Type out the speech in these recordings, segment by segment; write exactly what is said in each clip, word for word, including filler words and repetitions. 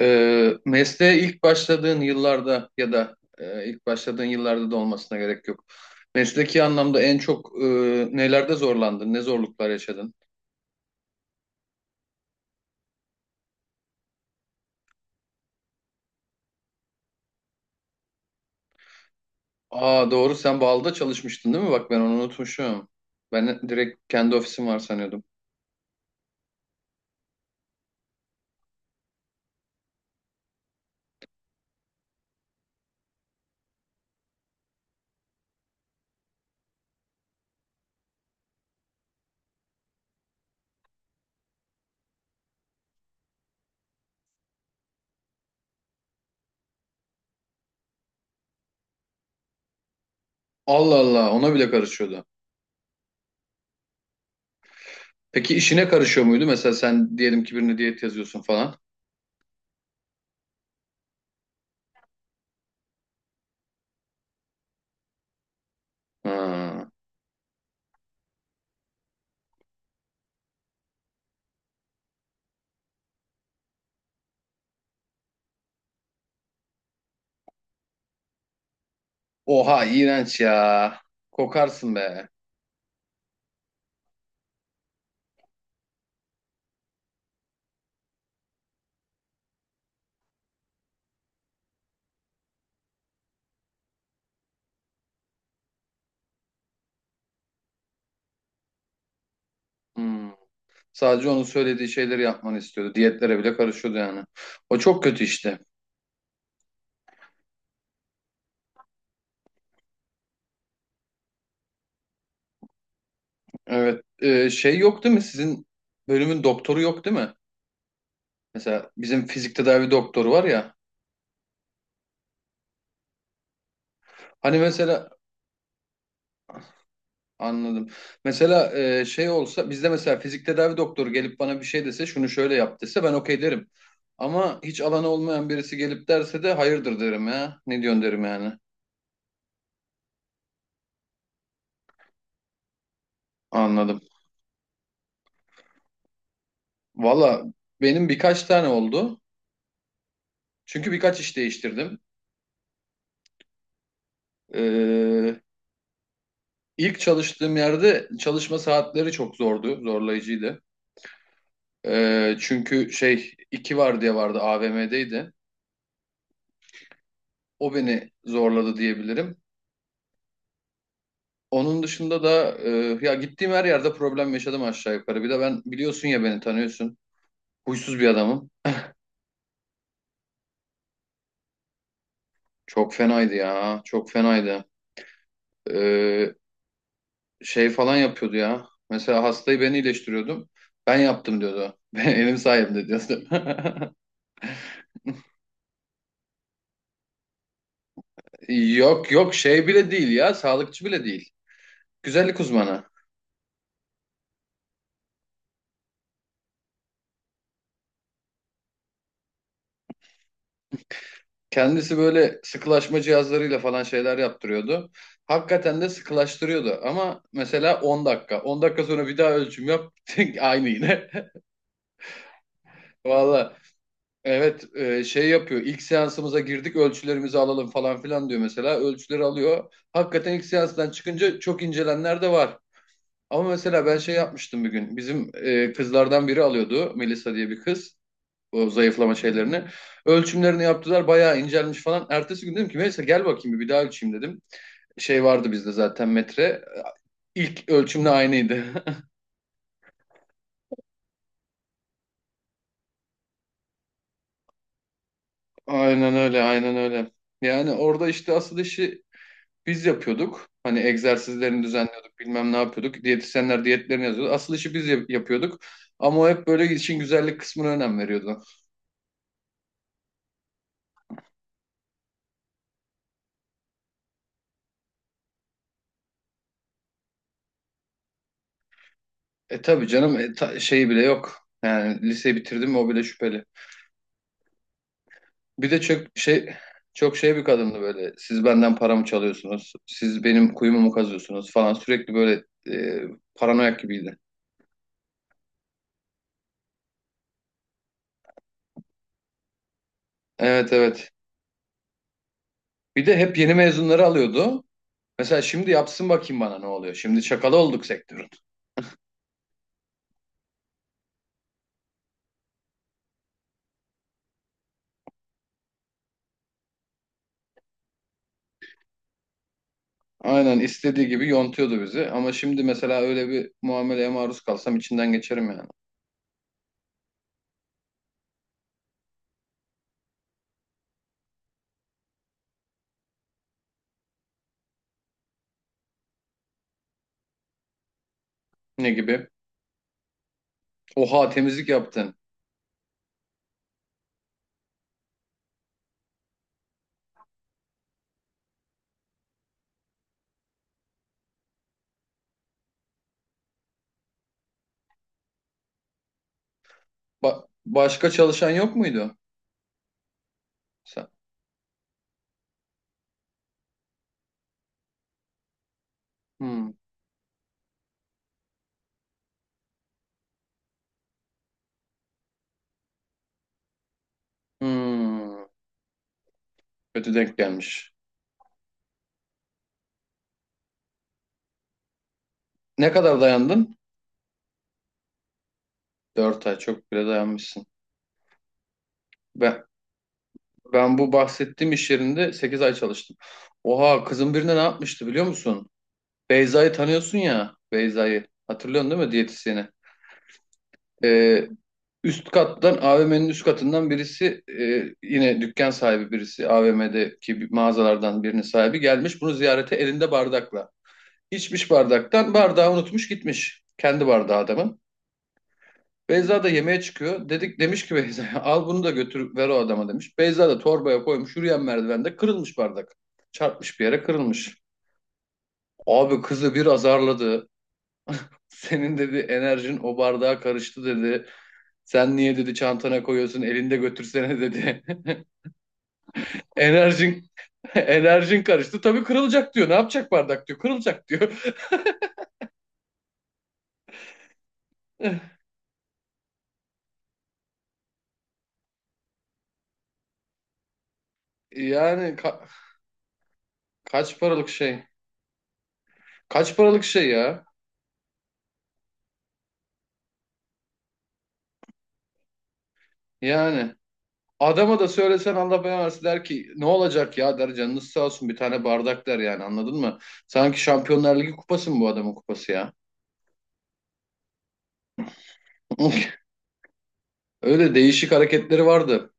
Ee, mesleğe ilk başladığın yıllarda ya da e, ilk başladığın yıllarda da olmasına gerek yok. Mesleki anlamda en çok e, nelerde zorlandın? Ne zorluklar yaşadın? Aa doğru, sen Bağlı'da çalışmıştın değil mi? Bak ben onu unutmuşum. Ben direkt kendi ofisim var sanıyordum. Allah Allah, ona bile karışıyordu. Peki işine karışıyor muydu? Mesela sen diyelim ki birine diyet yazıyorsun falan. Ha. Oha iğrenç ya. Kokarsın be. Hmm. Sadece onun söylediği şeyleri yapmanı istiyordu. Diyetlere bile karışıyordu yani. O çok kötü işte. Evet. Ee, şey yok değil mi? Sizin bölümün doktoru yok değil mi? Mesela bizim fizik tedavi doktoru var ya. Hani mesela anladım. Mesela e, şey olsa bizde, mesela fizik tedavi doktoru gelip bana bir şey dese, şunu şöyle yap dese, ben okey derim. Ama hiç alanı olmayan birisi gelip derse de hayırdır derim ya. Ne diyorsun derim yani. Anladım. Valla benim birkaç tane oldu. Çünkü birkaç iş değiştirdim. Ee, İlk çalıştığım yerde çalışma saatleri çok zordu, zorlayıcıydı. Ee, çünkü şey iki var diye vardı, A V M'deydi. O beni zorladı diyebilirim. Onun dışında da e, ya gittiğim her yerde problem yaşadım aşağı yukarı. Bir de ben, biliyorsun ya, beni tanıyorsun. Huysuz bir adamım. Çok fenaydı ya, çok fenaydı. Ee, şey falan yapıyordu ya. Mesela hastayı ben iyileştiriyordum. Ben yaptım diyordu. Benim sayemde diyordu. Yok yok, şey bile değil ya, sağlıkçı bile değil. Güzellik uzmanı. Kendisi böyle sıkılaşma cihazlarıyla falan şeyler yaptırıyordu. Hakikaten de sıkılaştırıyordu ama mesela on dakika. on dakika sonra bir daha ölçüm yap. Aynı yine. Valla evet, e, şey yapıyor. İlk seansımıza girdik, ölçülerimizi alalım falan filan diyor mesela. Ölçüleri alıyor. Hakikaten ilk seanstan çıkınca çok incelenler de var. Ama mesela ben şey yapmıştım bir gün. Bizim e, kızlardan biri alıyordu. Melisa diye bir kız. O zayıflama şeylerini. Ölçümlerini yaptılar, bayağı incelmiş falan. Ertesi gün dedim ki, Melisa gel bakayım bir, daha ölçeyim dedim. Şey vardı bizde zaten, metre. İlk ölçümle aynıydı. Aynen öyle, aynen öyle. Yani orada işte asıl işi biz yapıyorduk. Hani egzersizlerini düzenliyorduk, bilmem ne yapıyorduk. Diyetisyenler diyetlerini yazıyordu. Asıl işi biz yap- yapıyorduk. Ama o hep böyle işin güzellik kısmına önem veriyordu. E tabii canım, e, ta- şeyi bile yok. Yani liseyi bitirdim mi, o bile şüpheli. Bir de çok şey çok şey bir kadındı böyle. Siz benden paramı çalıyorsunuz. Siz benim kuyumu mu kazıyorsunuz falan. Sürekli böyle e, paranoyak gibiydi. Evet evet. Bir de hep yeni mezunları alıyordu. Mesela şimdi yapsın bakayım, bana ne oluyor. Şimdi çakalı olduk sektörün. Aynen istediği gibi yontuyordu bizi. Ama şimdi mesela öyle bir muameleye maruz kalsam, içinden geçerim yani. Ne gibi? Oha, temizlik yaptın. Ba- başka çalışan yok muydu? Sen. Hmm. Hmm. Kötü denk gelmiş. Ne kadar dayandın? Dört ay çok bile dayanmışsın. Ben, ben bu bahsettiğim iş yerinde sekiz ay çalıştım. Oha, kızın birine ne yapmıştı biliyor musun? Beyza'yı tanıyorsun ya, Beyza'yı. Hatırlıyorsun değil mi, diyetisyeni? Ee, üst kattan, A V M'nin üst katından birisi, e, yine dükkan sahibi birisi, A V M'deki bir mağazalardan birinin sahibi gelmiş bunu ziyarete elinde bardakla. İçmiş bardaktan, bardağı unutmuş gitmiş. Kendi bardağı adamın. Beyza da yemeğe çıkıyor. Dedik, demiş ki Beyza'ya, al bunu da götür ver o adama demiş. Beyza da torbaya koymuş, yürüyen merdivende kırılmış bardak. Çarpmış bir yere, kırılmış. Abi kızı bir azarladı. Senin dedi enerjin o bardağa karıştı dedi. Sen niye dedi çantana koyuyorsun, elinde götürsene dedi. Enerjin enerjin karıştı. Tabii kırılacak diyor. Ne yapacak bardak diyor. Kırılacak diyor. Yani ka- kaç paralık şey? Kaç paralık şey ya? Yani adama da söylesen Allah belanı versin, der ki ne olacak ya, der canınız sağ olsun bir tane bardak der, yani anladın mı? Sanki Şampiyonlar Ligi kupası mı bu adamın kupası ya? Öyle değişik hareketleri vardı.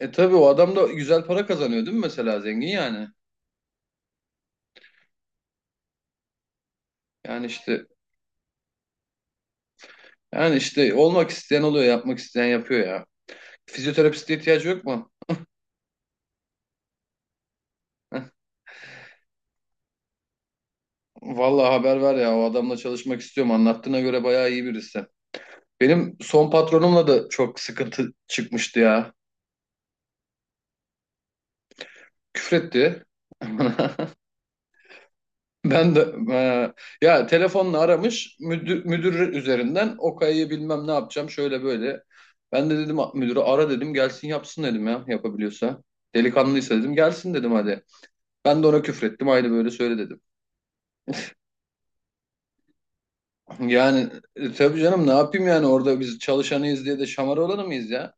E tabii, o adam da güzel para kazanıyor değil mi mesela, zengin yani? Yani işte, yani işte olmak isteyen oluyor, yapmak isteyen yapıyor ya. Fizyoterapiste ihtiyacı yok mu? Heh. Vallahi haber ver ya, o adamla çalışmak istiyorum, anlattığına göre bayağı iyi birisi. Benim son patronumla da çok sıkıntı çıkmıştı ya. Küfretti. Ben de eee, ya telefonla aramış müdür, müdür üzerinden Okay bilmem ne yapacağım şöyle böyle. Ben de dedim müdürü ara dedim, gelsin yapsın dedim, ya yapabiliyorsa. Delikanlıysa dedim gelsin dedim, hadi. Ben de ona küfrettim, aynı böyle söyle dedim. Yani e, tabii canım, ne yapayım yani, orada biz çalışanıyız diye de şamar olanı mıyız ya?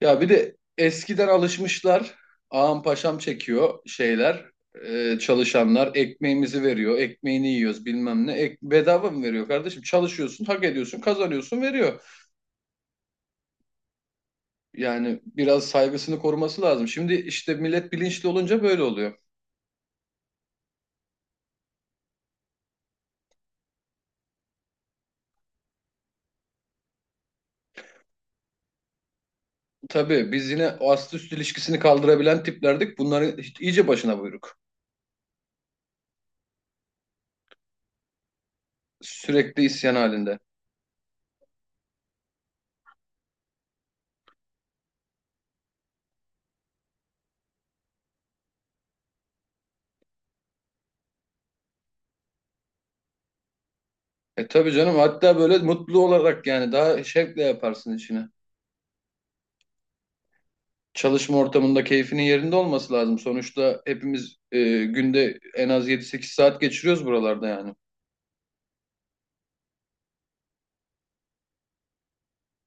Ya bir de eskiden alışmışlar. Ağam paşam çekiyor şeyler. E, çalışanlar ekmeğimizi veriyor. Ekmeğini yiyoruz bilmem ne. Ek, bedava mı veriyor kardeşim? Çalışıyorsun, hak ediyorsun, kazanıyorsun, veriyor. Yani biraz saygısını koruması lazım. Şimdi işte millet bilinçli olunca böyle oluyor. Tabii biz yine o ast üst ilişkisini kaldırabilen tiplerdik. Bunların hiç- iyice başına buyruk. Sürekli isyan halinde. E tabii canım, hatta böyle mutlu olarak yani, daha şevkle yaparsın işini. Çalışma ortamında keyfinin yerinde olması lazım. Sonuçta hepimiz e, günde en az yedi sekiz saat geçiriyoruz buralarda yani.